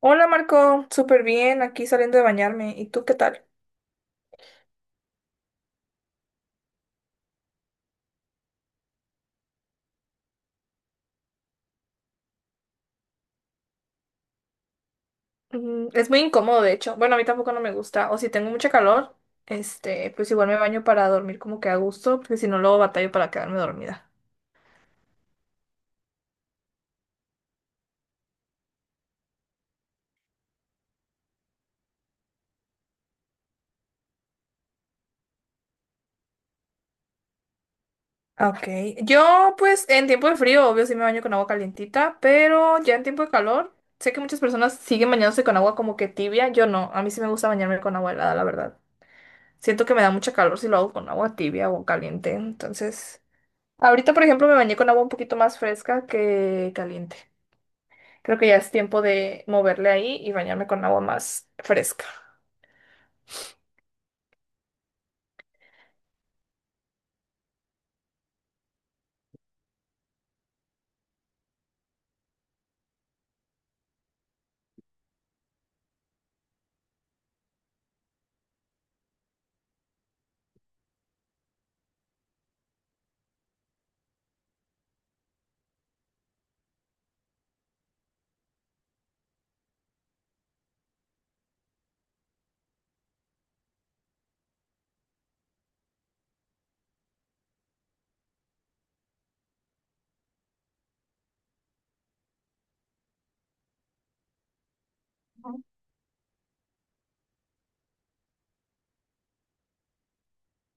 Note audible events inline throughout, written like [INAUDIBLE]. Hola Marco, súper bien, aquí saliendo de bañarme. ¿Y tú qué tal? Es muy incómodo, de hecho. Bueno, a mí tampoco no me gusta. O si tengo mucha calor, pues igual me baño para dormir como que a gusto, porque si no luego batallo para quedarme dormida. Ah, ok. Yo, pues, en tiempo de frío, obvio, sí me baño con agua calientita, pero ya en tiempo de calor, sé que muchas personas siguen bañándose con agua como que tibia. Yo no, a mí sí me gusta bañarme con agua helada, la verdad. Siento que me da mucha calor si lo hago con agua tibia o caliente. Entonces, ahorita, por ejemplo, me bañé con agua un poquito más fresca que caliente. Creo que ya es tiempo de moverle ahí y bañarme con agua más fresca.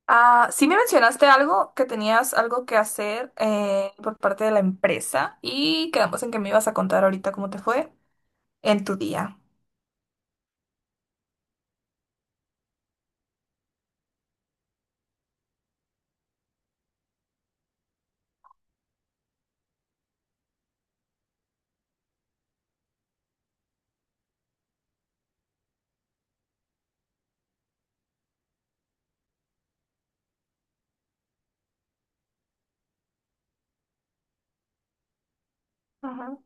Ah, sí me mencionaste algo, que tenías algo que hacer por parte de la empresa y quedamos en que me ibas a contar ahorita cómo te fue en tu día. Ajá.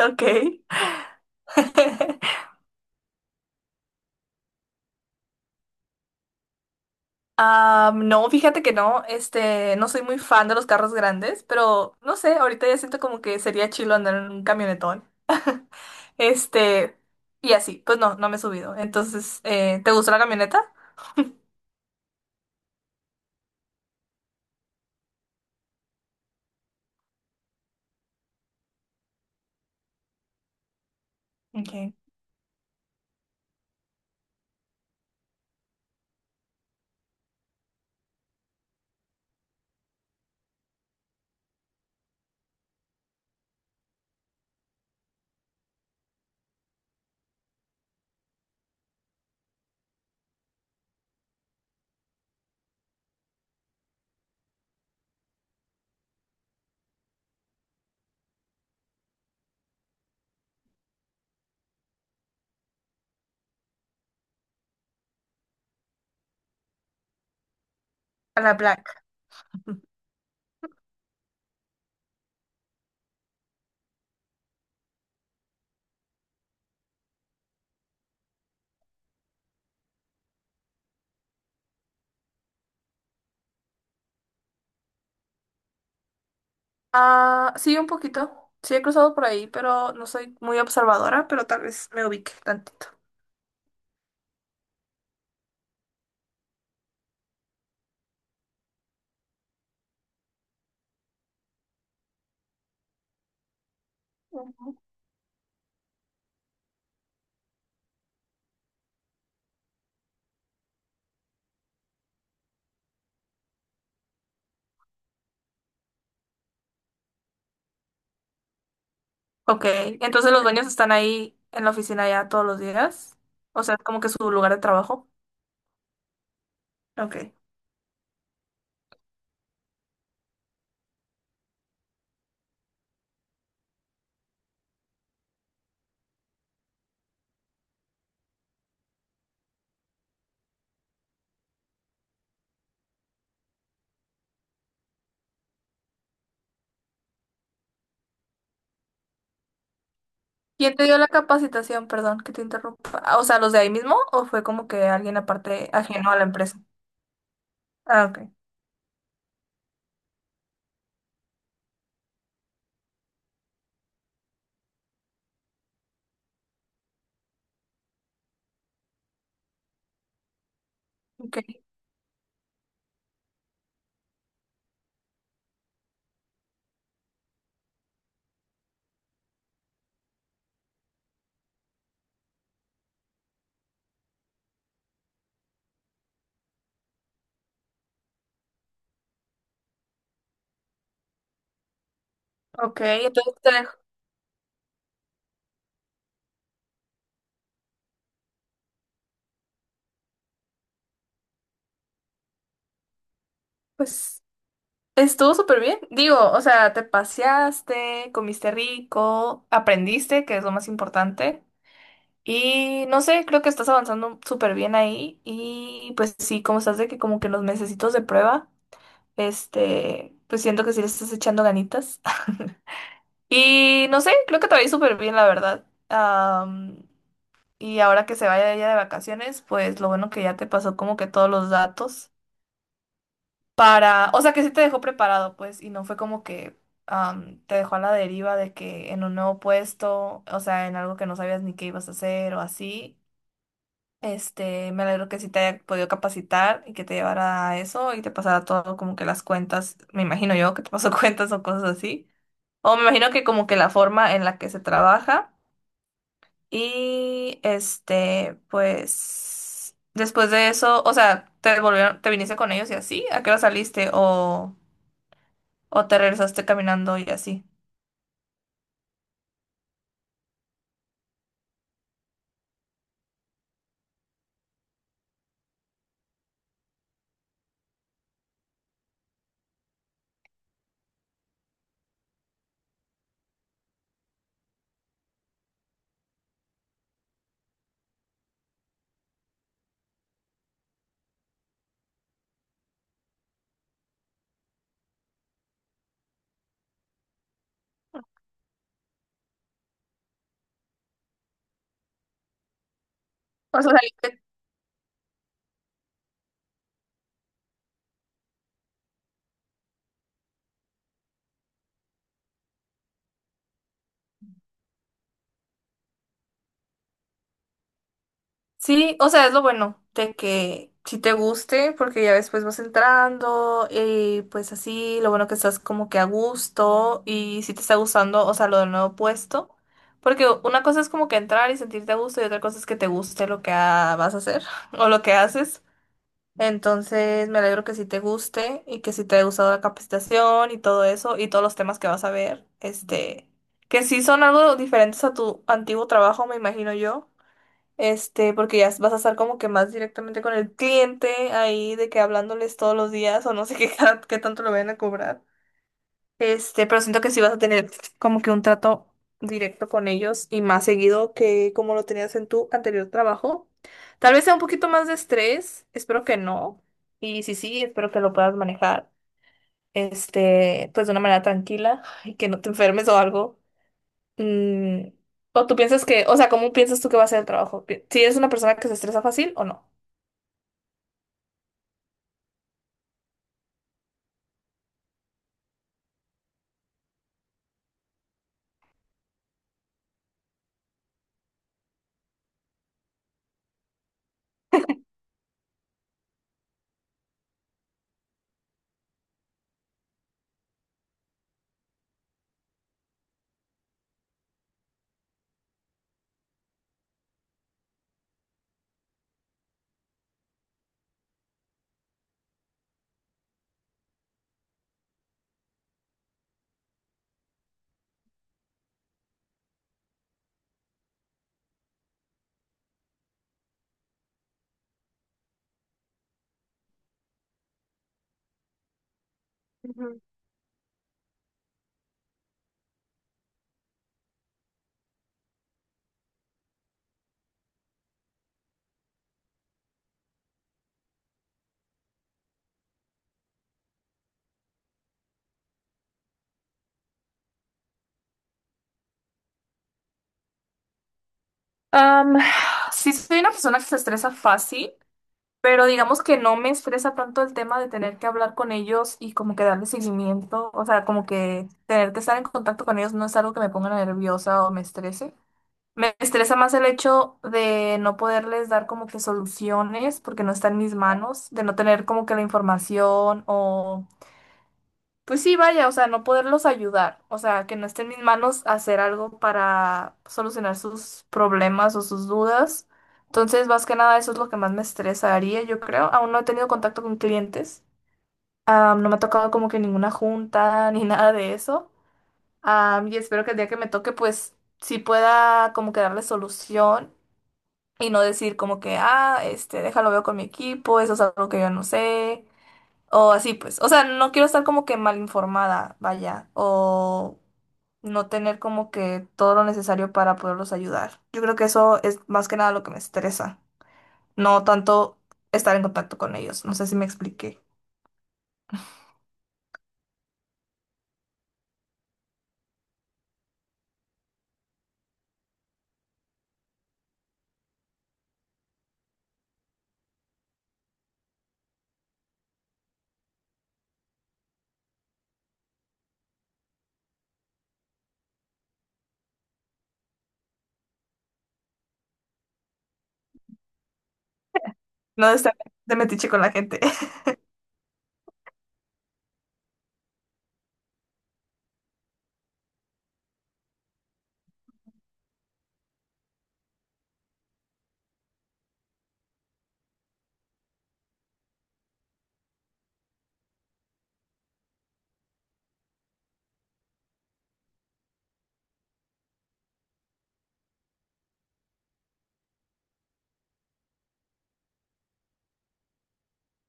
Ok. [LAUGHS] No, fíjate que no, no soy muy fan de los carros grandes, pero no sé, ahorita ya siento como que sería chilo andar en un camionetón. Este, y así, pues no me he subido. Entonces, ¿te gustó la camioneta? Ok. A la Black. Ah, sí, un poquito. Sí, he cruzado por ahí, pero no soy muy observadora, pero tal vez me ubique tantito. Ujú. Ok, entonces los dueños están ahí en la oficina ya todos los días. O sea, como que su lugar de trabajo. Ok. ¿Quién te dio la capacitación? Perdón, que te interrumpa. Ah, o sea, ¿los de ahí mismo o fue como que alguien aparte ajeno a la empresa? Ah, ok. Ok, ok, entonces te dejo. Pues estuvo súper bien. Digo, o sea, te paseaste, comiste rico, aprendiste, que es lo más importante. Y no sé, creo que estás avanzando súper bien ahí. Y pues sí, como estás de que como que los mesecitos de prueba, pues siento que sí le estás echando ganitas. [LAUGHS] Y no sé, creo que te va a ir súper bien, la verdad. Y ahora que se vaya ella de vacaciones, pues lo bueno que ya te pasó como que todos los datos para, o sea, que sí te dejó preparado, pues, y no fue como que te dejó a la deriva de que en un nuevo puesto, o sea, en algo que no sabías ni qué ibas a hacer o así. Me alegro que sí te haya podido capacitar y que te llevara a eso y te pasara todo como que las cuentas, me imagino yo que te pasó [LAUGHS] cuentas o cosas así. O me imagino que como que la forma en la que se trabaja. Y pues, después de eso, o sea, te volvieron, te viniste con ellos y así, ¿a qué hora saliste? O te regresaste caminando y así. O sea, saliste- Sí, o sea, es lo bueno de que si te guste, porque ya después vas entrando y pues así, lo bueno que estás como que a gusto y si te está gustando, o sea, lo del nuevo puesto, porque una cosa es como que entrar y sentirte a gusto y otra cosa es que te guste lo que vas a hacer [LAUGHS] o lo que haces. Entonces, me alegro que sí te guste y que sí te haya gustado la capacitación y todo eso y todos los temas que vas a ver, que sí son algo diferentes a tu antiguo trabajo, me imagino yo, porque ya vas a estar como que más directamente con el cliente ahí de que hablándoles todos los días o no sé [LAUGHS] qué tanto lo vayan a cobrar. Pero siento que sí vas a tener como que un trato directo con ellos y más seguido que como lo tenías en tu anterior trabajo. Tal vez sea un poquito más de estrés, espero que no. Y sí, espero que lo puedas manejar, pues de una manera tranquila y que no te enfermes o algo. Mm, o tú piensas que, o sea, ¿cómo piensas tú que va a ser el trabajo? ¿Si eres una persona que se estresa fácil o no? Ujú. Am, [SIGHS] sí, soy una persona que se estresa fácil. Pero digamos que no me estresa tanto el tema de tener que hablar con ellos y como que darle seguimiento, o sea, como que tener que estar en contacto con ellos no es algo que me ponga nerviosa o me estrese. Me estresa más el hecho de no poderles dar como que soluciones porque no está en mis manos, de no tener como que la información o... Pues sí, vaya, o sea, no poderlos ayudar, o sea, que no esté en mis manos hacer algo para solucionar sus problemas o sus dudas. Entonces, más que nada, eso es lo que más me estresaría, yo creo. Aún no he tenido contacto con clientes, no me ha tocado como que ninguna junta [LAUGHS] ni nada de eso. Ah, y espero que el día que me toque, pues sí pueda como que darle solución y no decir como que, déjalo veo con mi equipo, eso es algo que yo no sé. O así, pues. O sea, no quiero estar como que mal informada, vaya. O no tener como que todo lo necesario para poderlos ayudar. Yo creo que eso es más que nada lo que me estresa. No tanto estar en contacto con ellos. No sé si me expliqué. No de estar de metiche con la gente. [LAUGHS]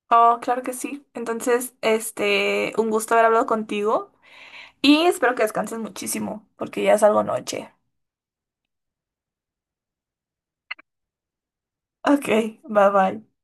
Oh, claro que sí. Entonces, un gusto haber hablado contigo. Y espero que descanses muchísimo, porque ya es algo noche. Ok, bye bye.